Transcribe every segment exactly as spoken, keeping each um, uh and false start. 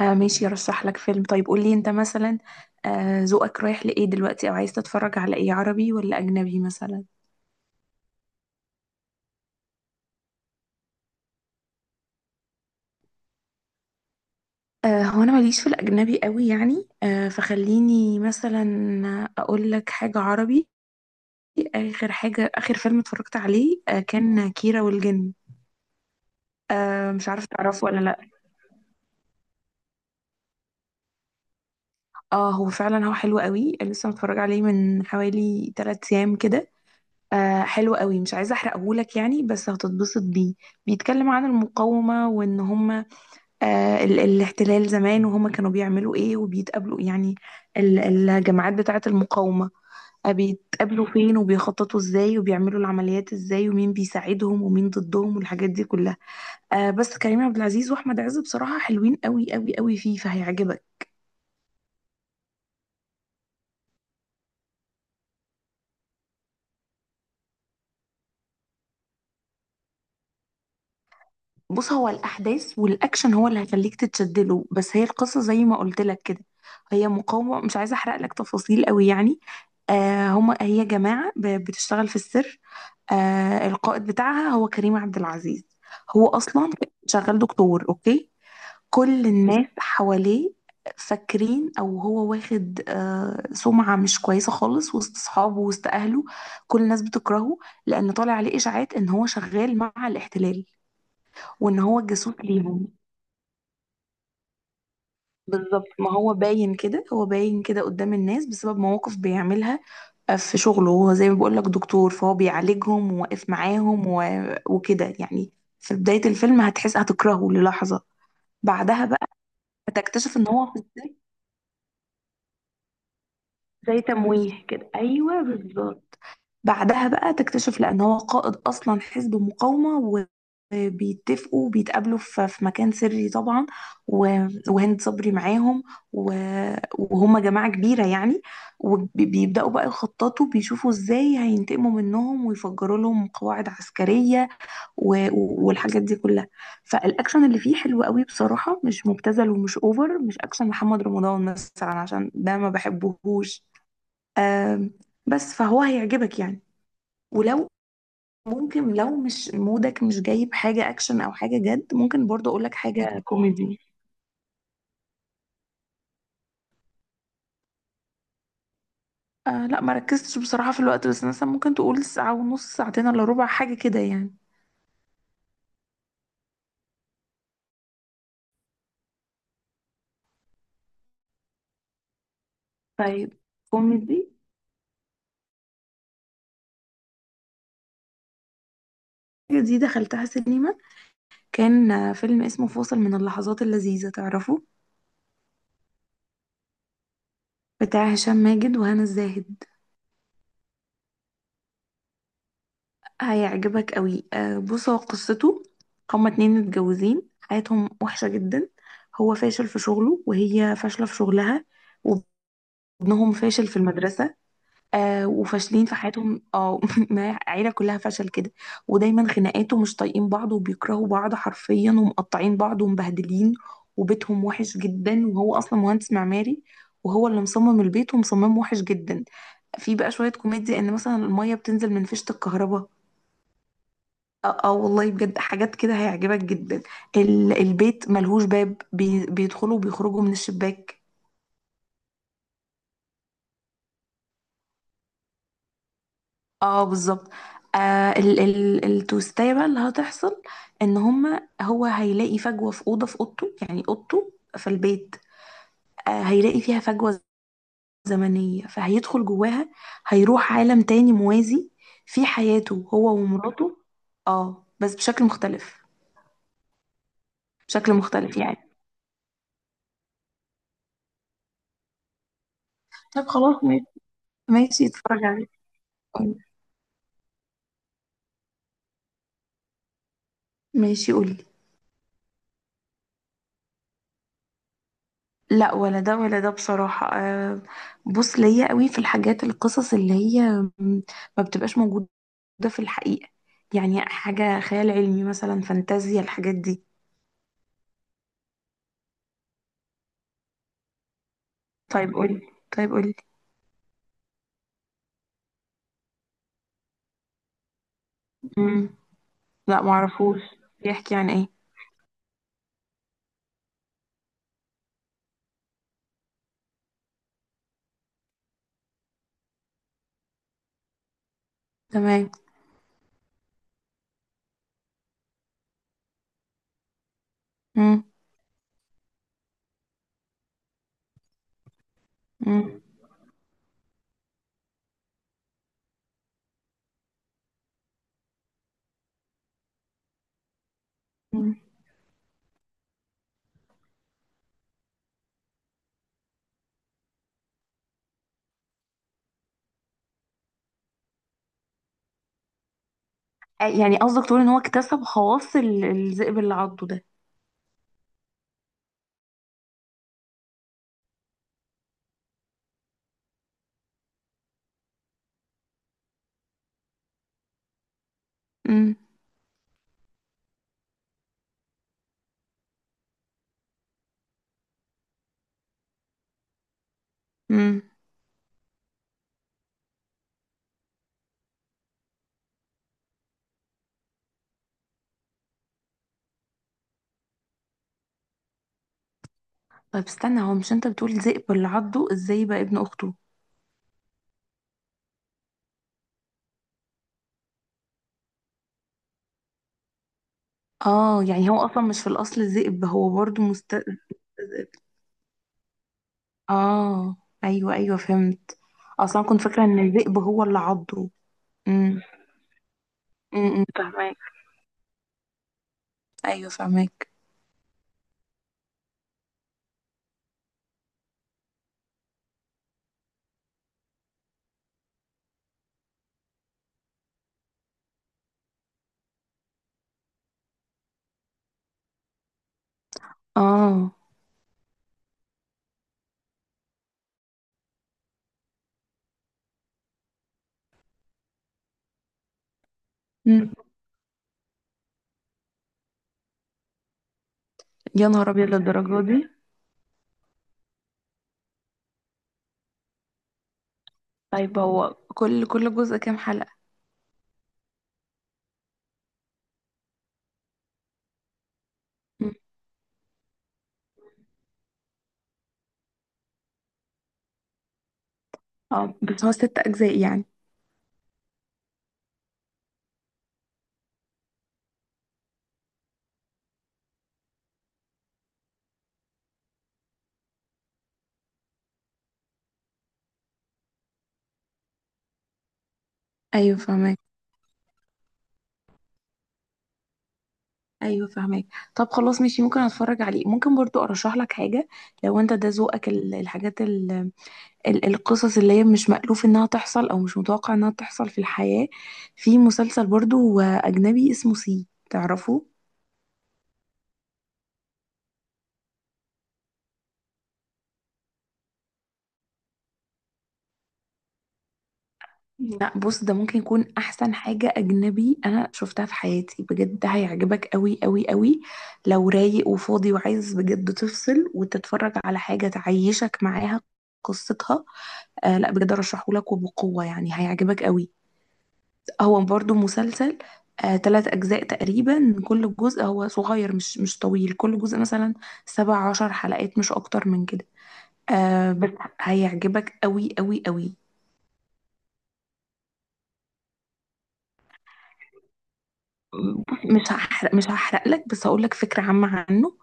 آه ماشي، رشح لك فيلم. طيب قول لي انت مثلا، آه ذوقك رايح لايه دلوقتي او عايز تتفرج على ايه، عربي ولا اجنبي مثلا؟ آه هو انا ماليش في الاجنبي قوي يعني، آه فخليني مثلا اقول لك حاجة عربي. اخر حاجة، اخر فيلم اتفرجت عليه آه كان كيرة والجن. آه مش عارف تعرفه ولا لا. اه، هو فعلا هو حلو قوي، لسه متفرج عليه من حوالي ثلاثة ايام كده. آه حلو قوي، مش عايزه احرقهولك يعني بس هتتبسط بيه. بيتكلم عن المقاومه وان هم آه، ال- الاحتلال زمان وهما كانوا بيعملوا ايه وبيتقابلوا يعني، ال- الجماعات بتاعة المقاومة. آه، بيتقابلوا فين وبيخططوا ازاي وبيعملوا العمليات ازاي ومين بيساعدهم ومين ضدهم والحاجات دي كلها. آه بس كريم عبد العزيز واحمد عز بصراحة حلوين قوي قوي قوي فيه، فهيعجبك. بص، هو الاحداث والاكشن هو اللي هيخليك تتشدله، بس هي القصة زي ما قلت لك كده، هي مقاومة. مش عايزة احرق لك تفاصيل قوي يعني. آه هما هي جماعة ب- بتشتغل في السر. آه القائد بتاعها هو كريم عبد العزيز. هو اصلا شغال دكتور، اوكي. كل الناس حواليه فاكرين او هو واخد آه سمعة مش كويسة خالص وسط اصحابه، وسط اهله. كل الناس بتكرهه لان طالع عليه اشاعات ان هو شغال مع الاحتلال وان هو الجاسوس ليهم. بالظبط، ما هو باين كده، هو باين كده قدام الناس بسبب مواقف بيعملها في شغله، وهو زي ما بقول لك دكتور فهو بيعالجهم وواقف معاهم و... وكده يعني. في بداية الفيلم هتحس هتكرهه للحظة. بعدها بقى هتكتشف ان هو في السجن زي تمويه كده. ايوه بالظبط. بعدها بقى تكتشف لأن هو قائد أصلا حزب مقاومة، وبيتفقوا بيتقابلوا في في مكان سري طبعا، و- وهند صبري معاهم، و- وهم جماعة كبيرة يعني. وبيبدأوا بقى يخططوا، بيشوفوا ازاي هينتقموا منهم ويفجروا لهم قواعد عسكرية و- و- والحاجات دي كلها. فالأكشن اللي فيه حلو قوي بصراحة، مش مبتذل ومش أوفر، مش أكشن محمد رمضان مثلا عشان ده ما بحبهوش. آم، بس فهو هيعجبك يعني. ولو ممكن لو مش مودك مش جايب حاجة أكشن أو حاجة جد، ممكن برضه أقولك حاجة كوميدي. آه لا ما ركزتش بصراحة في الوقت، بس مثلا ممكن تقول ساعة ونص، ساعتين إلا ربع، حاجة كده يعني. طيب، كوميدي. حاجة دي دخلتها سينما، كان آه، فيلم اسمه فاصل من اللحظات اللذيذة، تعرفه؟ بتاع هشام ماجد وهنا الزاهد. هيعجبك قوي. آه بص، هو قصته هما اتنين متجوزين حياتهم وحشة جدا. هو فاشل في شغله وهي فاشلة في شغلها، وابنهم فاشل في المدرسة. آه وفاشلين في حياتهم، اه ما العيله كلها فشل كده. ودايما خناقات ومش طايقين بعض وبيكرهوا بعض حرفيا، ومقطعين بعض ومبهدلين. وبيتهم وحش جدا، وهو اصلا مهندس معماري وهو اللي مصمم البيت، ومصممه وحش جدا. في بقى شويه كوميديا، ان مثلا الميه بتنزل من فيشه الكهرباء. اه، آه والله بجد حاجات كده هيعجبك جدا. ال- البيت ملهوش باب، بي- بيدخلوا وبيخرجوا من الشباك. اه بالظبط. آه ال ال التوستاية بقى اللي هتحصل، ان هما هو هيلاقي فجوة في أوضة في أوضته، يعني أوضته في البيت. آه هيلاقي فيها فجوة زمنية فهيدخل جواها، هيروح عالم تاني موازي في حياته هو ومراته، اه بس بشكل مختلف. بشكل مختلف يعني. طب خلاص ماشي. ماشي اتفرج عليه. ماشي قولي. لا ولا ده ولا ده بصراحة. آه، بص، ليا قوي في الحاجات، القصص اللي هي م- ما بتبقاش موجودة ده في الحقيقة، يعني حاجة خيال علمي مثلا، فانتازيا، الحاجات دي. طيب قولي. طيب قولي. مم. لا معرفوش، بيحكي عن ايه؟ تمام. مم. مم. مم. آه، يعني قصدك تقول ان هو اكتسب خواص ال- الذئب اللي عضه ده. مم. مم. طيب استنى، هو مش انت بتقول ذئب اللي عضه، ازاي بقى ابن اخته؟ اه يعني هو اصلا مش في الاصل ذئب، هو برضو مست ذئب. اه، ايوه ايوه فهمت. اصلا كنت فاكره ان الذئب هو اللي عضه. امم. امم. ايوه فهمك. اه. مم. يا نهار ابيض للدرجه دي. طيب هو كل كل جزء كام حلقه؟ مم. اه بس هو ست اجزاء يعني. ايوه فهمك. ايوه فهمك. طب خلاص ماشي، ممكن اتفرج عليه. ممكن برضو ارشح لك حاجه لو انت ده ذوقك، ال- الحاجات ال ال القصص اللي هي مش مألوف انها تحصل، او مش متوقع انها تحصل في الحياه. في مسلسل برضو آه، اجنبي اسمه سي، تعرفه؟ لا بص، ده ممكن يكون احسن حاجة اجنبي انا شفتها في حياتي بجد، ده هيعجبك قوي قوي قوي. لو رايق وفاضي وعايز بجد تفصل وتتفرج على حاجة تعيشك معاها قصتها. آه لا بجد، ارشحهولك وبقوة يعني، هيعجبك قوي. هو برضو مسلسل، آه تلات اجزاء تقريبا، كل جزء هو صغير، مش مش طويل، كل جزء مثلا سبعة عشر حلقة، مش اكتر من كده. آه بس هيعجبك قوي قوي قوي. مش هحرق مش هحرق لك، بس هقول لك فكرة عامة عنه.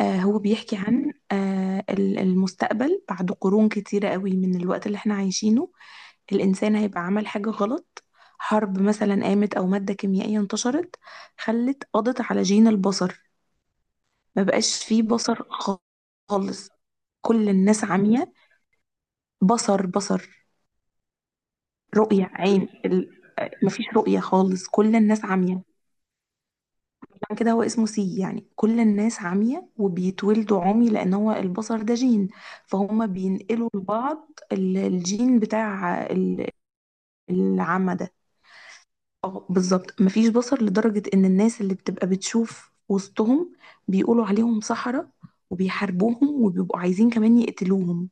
آه هو بيحكي عن آه ال- المستقبل بعد قرون كتيرة قوي من الوقت اللي احنا عايشينه. الإنسان هيبقى عمل حاجة غلط، حرب مثلا قامت أو مادة كيميائية انتشرت، خلت قضت على جين البصر. ما بقاش فيه بصر خ- خالص. كل الناس عمية. بصر بصر، رؤية عين ال... آه، مفيش رؤية خالص، كل الناس عمية. عشان كده هو اسمه سي، يعني كل الناس عمية وبيتولدوا عمي لأن هو البصر ده جين، فهم بينقلوا لبعض ال- الجين بتاع ال- العمى ده. اه بالظبط، مفيش بصر لدرجة إن الناس اللي بتبقى بتشوف وسطهم بيقولوا عليهم سحرة، وبيحاربوهم وبيبقوا عايزين كمان يقتلوهم.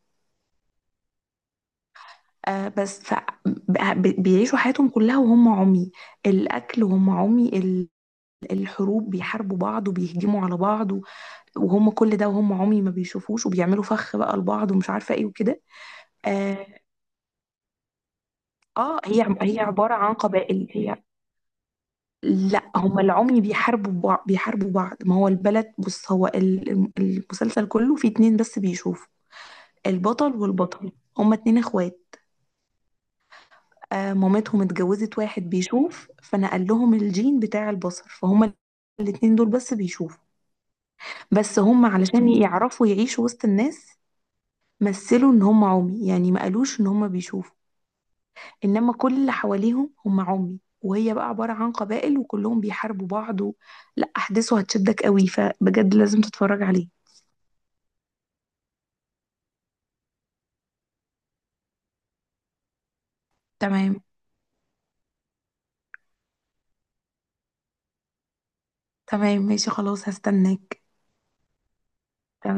آه بس ف ب- بيعيشوا حياتهم كلها وهم عمي، الأكل وهم عمي، ال- الحروب بيحاربوا بعض وبيهجموا على بعض، وهم كل ده وهم عمي ما بيشوفوش، وبيعملوا فخ بقى لبعض ومش عارفة ايه وكده. اه، آه، هي هي عبارة عن قبائل. هي لا، هم العمي بيحاربوا بعض. بيحاربوا بعض ما هو البلد، بص، هو ال- الم- المسلسل كله فيه اتنين بس بيشوفوا، البطل والبطل، هما اتنين اخوات. آه مامتهم اتجوزت واحد بيشوف فنقل لهم الجين بتاع البصر، فهما الاتنين دول بس بيشوفوا. بس هما علشان يعرفوا يعيشوا وسط الناس مثلوا ان هما عمي، يعني ما قالوش ان هما بيشوفوا، انما كل اللي حواليهم هم عمي، وهي بقى عبارة عن قبائل وكلهم بيحاربوا بعض و... لا احداثه هتشدك قوي، فبجد لازم تتفرج عليه. تمام. تمام ماشي خلاص، هستناك.